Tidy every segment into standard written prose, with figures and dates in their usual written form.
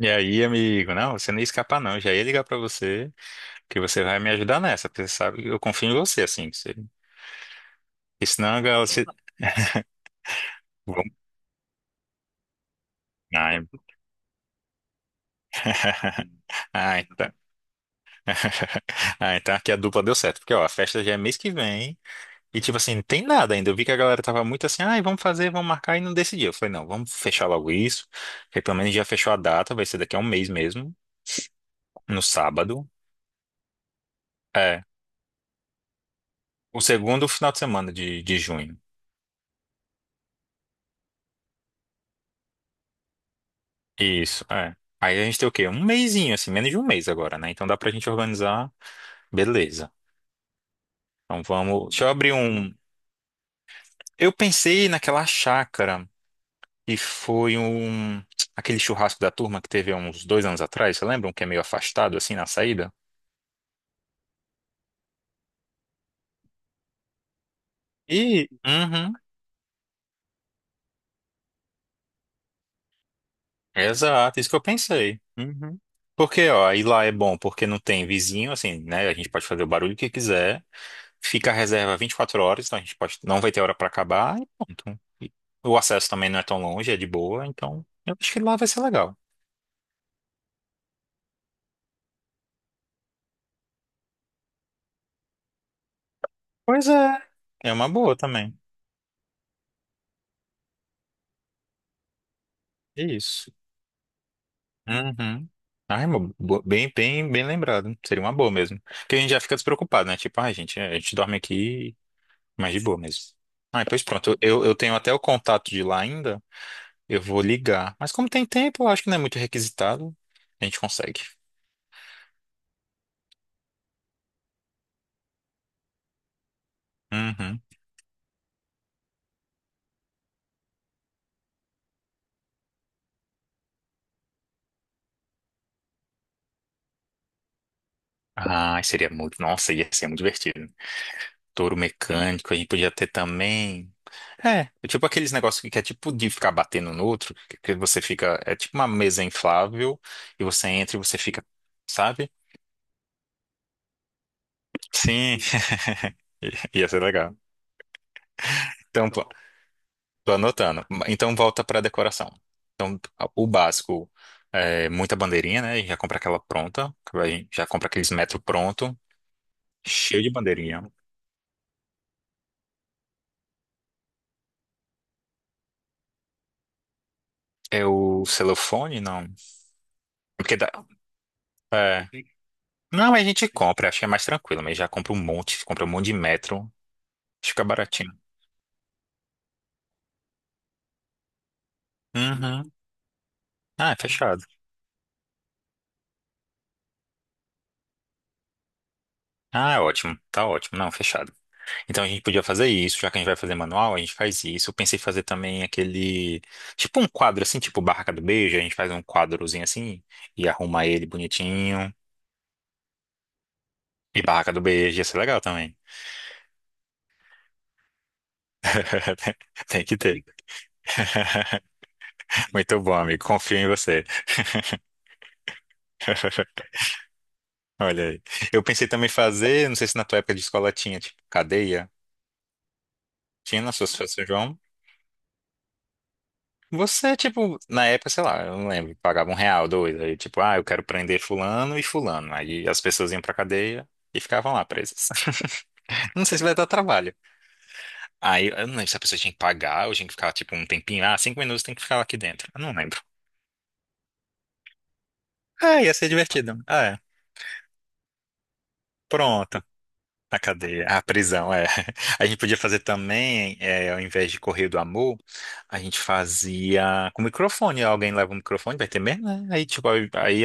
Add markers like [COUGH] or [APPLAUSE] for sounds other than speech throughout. E aí, amigo, não, você não ia escapar não. Eu já ia ligar pra você, que você vai me ajudar nessa, porque você sabe que eu confio em você, assim, que você... porque senão a galera... Vamos- Ai, [LAUGHS] ah, então. [LAUGHS] Ah, então aqui a dupla deu certo, porque ó, a festa já é mês que vem, e tipo assim, não tem nada ainda. Eu vi que a galera tava muito assim, ai, vamos fazer, vamos marcar, e não decidiu. Eu falei, não, vamos fechar logo isso, porque pelo menos já fechou a data. Vai ser daqui a um mês mesmo, no sábado, é, o segundo final de semana de junho. Isso, é. Aí a gente tem o quê? Um mesinho, assim, menos de um mês agora, né? Então dá pra gente organizar. Beleza. Então vamos. Deixa eu abrir um. Eu pensei naquela chácara que foi um. Aquele churrasco da turma que teve há uns dois anos atrás, você lembra? Um que é meio afastado, assim, na saída? E. Uhum. Exato, isso que eu pensei. Uhum. Porque, ó, aí lá é bom porque não tem vizinho, assim, né? A gente pode fazer o barulho que quiser. Fica a reserva 24 horas, então a gente pode, não vai ter hora para acabar e pronto. E o acesso também não é tão longe, é de boa, então eu acho que lá vai ser legal. Pois é, é uma boa também. É isso. Uhum. Ai, bem, bem, bem lembrado. Seria uma boa mesmo. Porque a gente já fica despreocupado, né? Tipo, ai, gente, a gente dorme aqui, mas de boa mesmo. Ah, pois pronto, eu tenho até o contato de lá ainda. Eu vou ligar. Mas como tem tempo, eu acho que não é muito requisitado, a gente consegue. Uhum. Ah, seria muito. Nossa, ia ser muito divertido. Touro mecânico, a gente podia ter também. É, é tipo aqueles negócios que é tipo de ficar batendo no outro, que você fica. É tipo uma mesa inflável e você entra e você fica, sabe? Sim, [LAUGHS] ia ser legal. Então, pô, tô anotando. Então, volta pra decoração. Então, o básico é muita bandeirinha, né? Já compra aquela pronta, a gente já compra aqueles metro pronto, cheio de bandeirinha. É o celofane, não? Porque dá. É, não, a gente compra, acho que é mais tranquilo, mas já compra um monte de metro, acho que fica baratinho. Uhum. Ah, é fechado. Ah, é ótimo, tá ótimo. Não, fechado. Então a gente podia fazer isso, já que a gente vai fazer manual, a gente faz isso. Eu pensei em fazer também aquele, tipo um quadro assim, tipo Barraca do Beijo, a gente faz um quadrozinho assim e arruma ele bonitinho. E Barraca do Beijo, ia ser legal também. [LAUGHS] Tem que ter. [LAUGHS] Muito bom, amigo. Confio em você. Olha aí. Eu pensei também em fazer, não sei se na tua época de escola tinha, tipo, cadeia. Tinha na sua São João. Você, tipo, na época, sei lá, eu não lembro, pagava um real, dois, aí tipo, ah, eu quero prender fulano e fulano. Aí as pessoas iam pra cadeia e ficavam lá presas. [LAUGHS] Não sei se vai dar trabalho. Aí eu não lembro se a pessoa tinha que pagar ou tinha que ficar, tipo, um tempinho, ah, 5 minutos tem que ficar aqui dentro. Eu não lembro. Ah, ia ser divertido. Ah, é. Pronto. A cadeia, a prisão, é. [LAUGHS] A gente podia fazer também, é, ao invés de correr do amor, a gente fazia com microfone. Alguém leva o microfone, vai ter mesmo, né? Aí, tipo, aí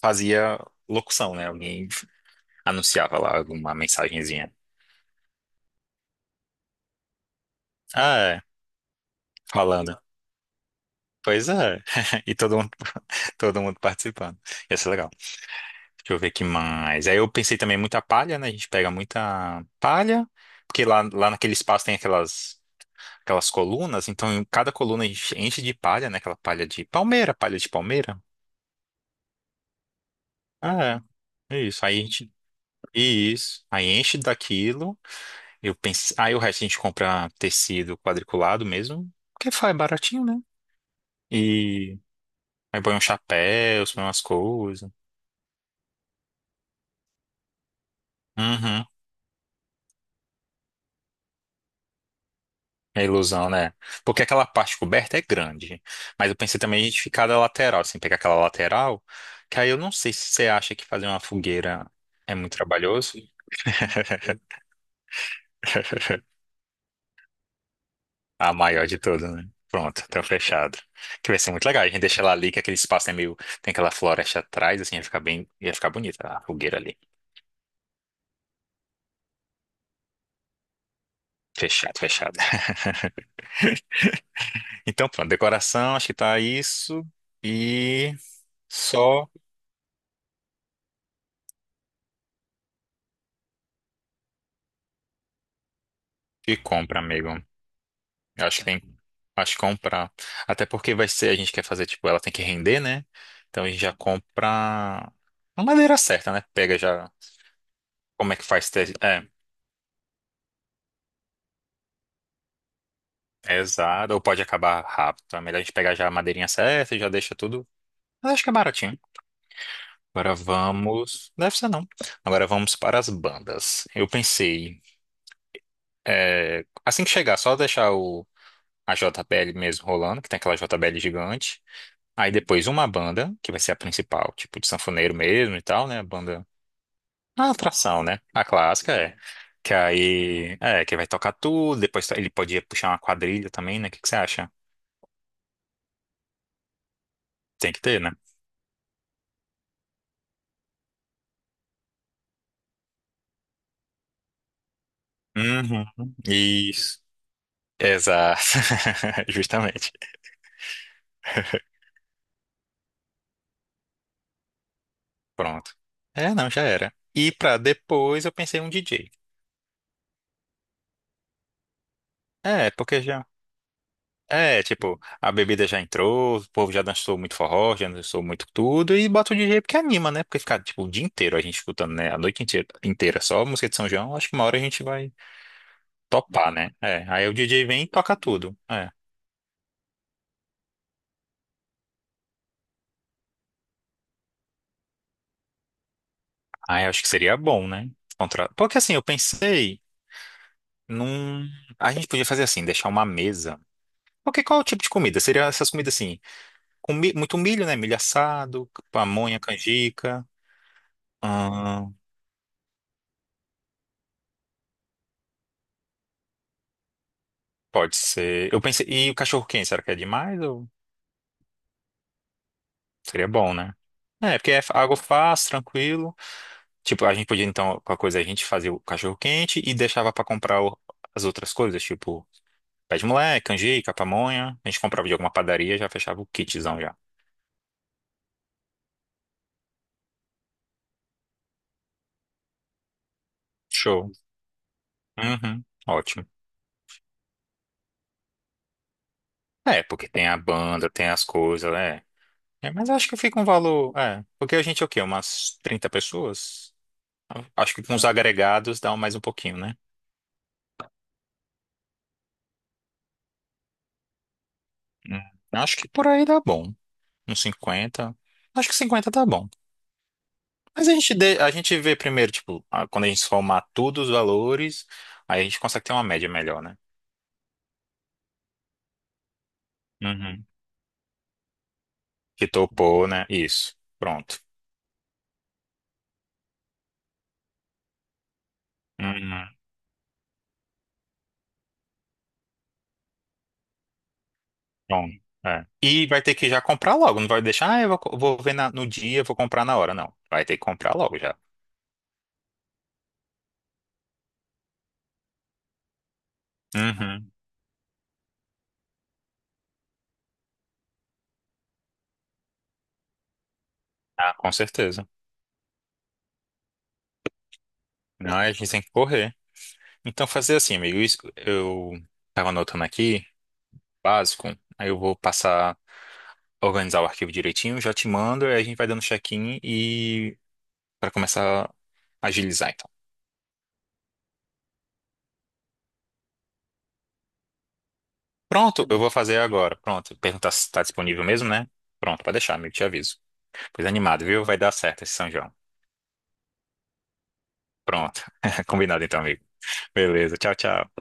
fazia locução, né? Alguém anunciava lá alguma mensagenzinha. Ah, é, falando. Pois é. [LAUGHS] E todo mundo, [LAUGHS] todo mundo participando. Ia ser legal. Deixa eu ver que mais. Aí eu pensei também muita palha, né? A gente pega muita palha, porque lá naquele espaço tem aquelas colunas, então em cada coluna a gente enche de palha, né? Aquela palha de palmeira, palha de palmeira. Ah, é. É isso. Aí a gente, isso. Aí enche daquilo. Eu pensei, aí o resto a gente compra tecido quadriculado mesmo, porque faz baratinho, né? E aí põe um chapéu, põe umas coisas. Uhum. É ilusão, né? Porque aquela parte coberta é grande. Mas eu pensei também a gente ficar da lateral, assim, pegar aquela lateral, que aí eu não sei se você acha que fazer uma fogueira é muito trabalhoso. [LAUGHS] A maior de todas, né? Pronto, tá fechado. Que vai ser muito legal. A gente deixa ela ali, que aquele espaço é meio. Tem aquela floresta atrás, assim, ia ficar bem. Ia ficar bonita a fogueira ali. Fechado, fechado. [LAUGHS] Então, pronto, decoração, acho que tá isso. E só e compra, amigo. Eu acho que tem. Acho que comprar. Até porque vai ser, a gente quer fazer, tipo, ela tem que render, né? Então a gente já compra a madeira certa, né? Pega já. Como é que faz? É, é exato. Ou pode acabar rápido. Então é melhor a gente pegar já a madeirinha certa e já deixa tudo. Mas acho que é baratinho. Agora vamos. Deve ser não. Agora vamos para as bandas. Eu pensei. É, assim que chegar, só deixar o, a JBL mesmo rolando, que tem aquela JBL gigante. Aí depois uma banda, que vai ser a principal, tipo de sanfoneiro mesmo e tal, né? A banda. A atração, né? A clássica é. Que aí. É, que vai tocar tudo. Depois ele podia puxar uma quadrilha também, né? O que que você acha? Tem que ter, né? Uhum. Isso. Exato. [LAUGHS] Justamente. Pronto. É, não, já era. E pra depois eu pensei um DJ. É, porque já. É, tipo, a bebida já entrou, o povo já dançou muito forró, já dançou muito tudo, e bota o DJ porque anima, né? Porque ficar, tipo, o dia inteiro a gente escutando, né? A noite inteira, inteira só música de São João, acho que uma hora a gente vai topar, né? É, aí o DJ vem e toca tudo. É. Aí acho que seria bom, né? Contra... Porque assim, eu pensei num... A gente podia fazer assim, deixar uma mesa. Porque qual é o tipo de comida? Seria essas comidas assim, com muito milho, né? Milho assado, pamonha, canjica. Pode ser. Eu pensei, e o cachorro quente, será que é demais ou seria bom, né? É, porque é algo fácil, tranquilo. Tipo, a gente podia então, com a coisa, a gente fazia o cachorro quente e deixava pra comprar as outras coisas, tipo, pé de moleque, canjica, pamonha. A gente comprava de alguma padaria, já fechava o kitzão já. Show. Uhum, ótimo. É, porque tem a banda, tem as coisas, né? É, mas acho que fica um valor, é, porque a gente é o quê? Umas 30 pessoas? Acho que com os agregados dá mais um pouquinho, né? Hum, acho que por aí dá bom. Uns 50. Acho que 50 tá bom. Mas a gente, a gente vê primeiro, tipo, quando a gente somar todos os valores, aí a gente consegue ter uma média melhor, né? Uhum. Que topou, né? Isso. Pronto. Uhum. Bom, é. E vai ter que já comprar logo. Não vai deixar, ah, eu vou, vou ver no dia, vou comprar na hora. Não. Vai ter que comprar logo já. Uhum. Ah, com certeza. Não, a gente tem que correr. Então, fazer assim, amigo. Isso, eu tava anotando aqui, básico. Aí eu vou passar, organizar o arquivo direitinho, já te mando, aí a gente vai dando check-in e para começar a agilizar, então. Pronto, eu vou fazer agora. Pronto, perguntar se está disponível mesmo, né? Pronto, pode deixar, amigo, te aviso. Pois animado, viu? Vai dar certo esse São João. Pronto. [LAUGHS] Combinado então, amigo. Beleza, tchau, tchau.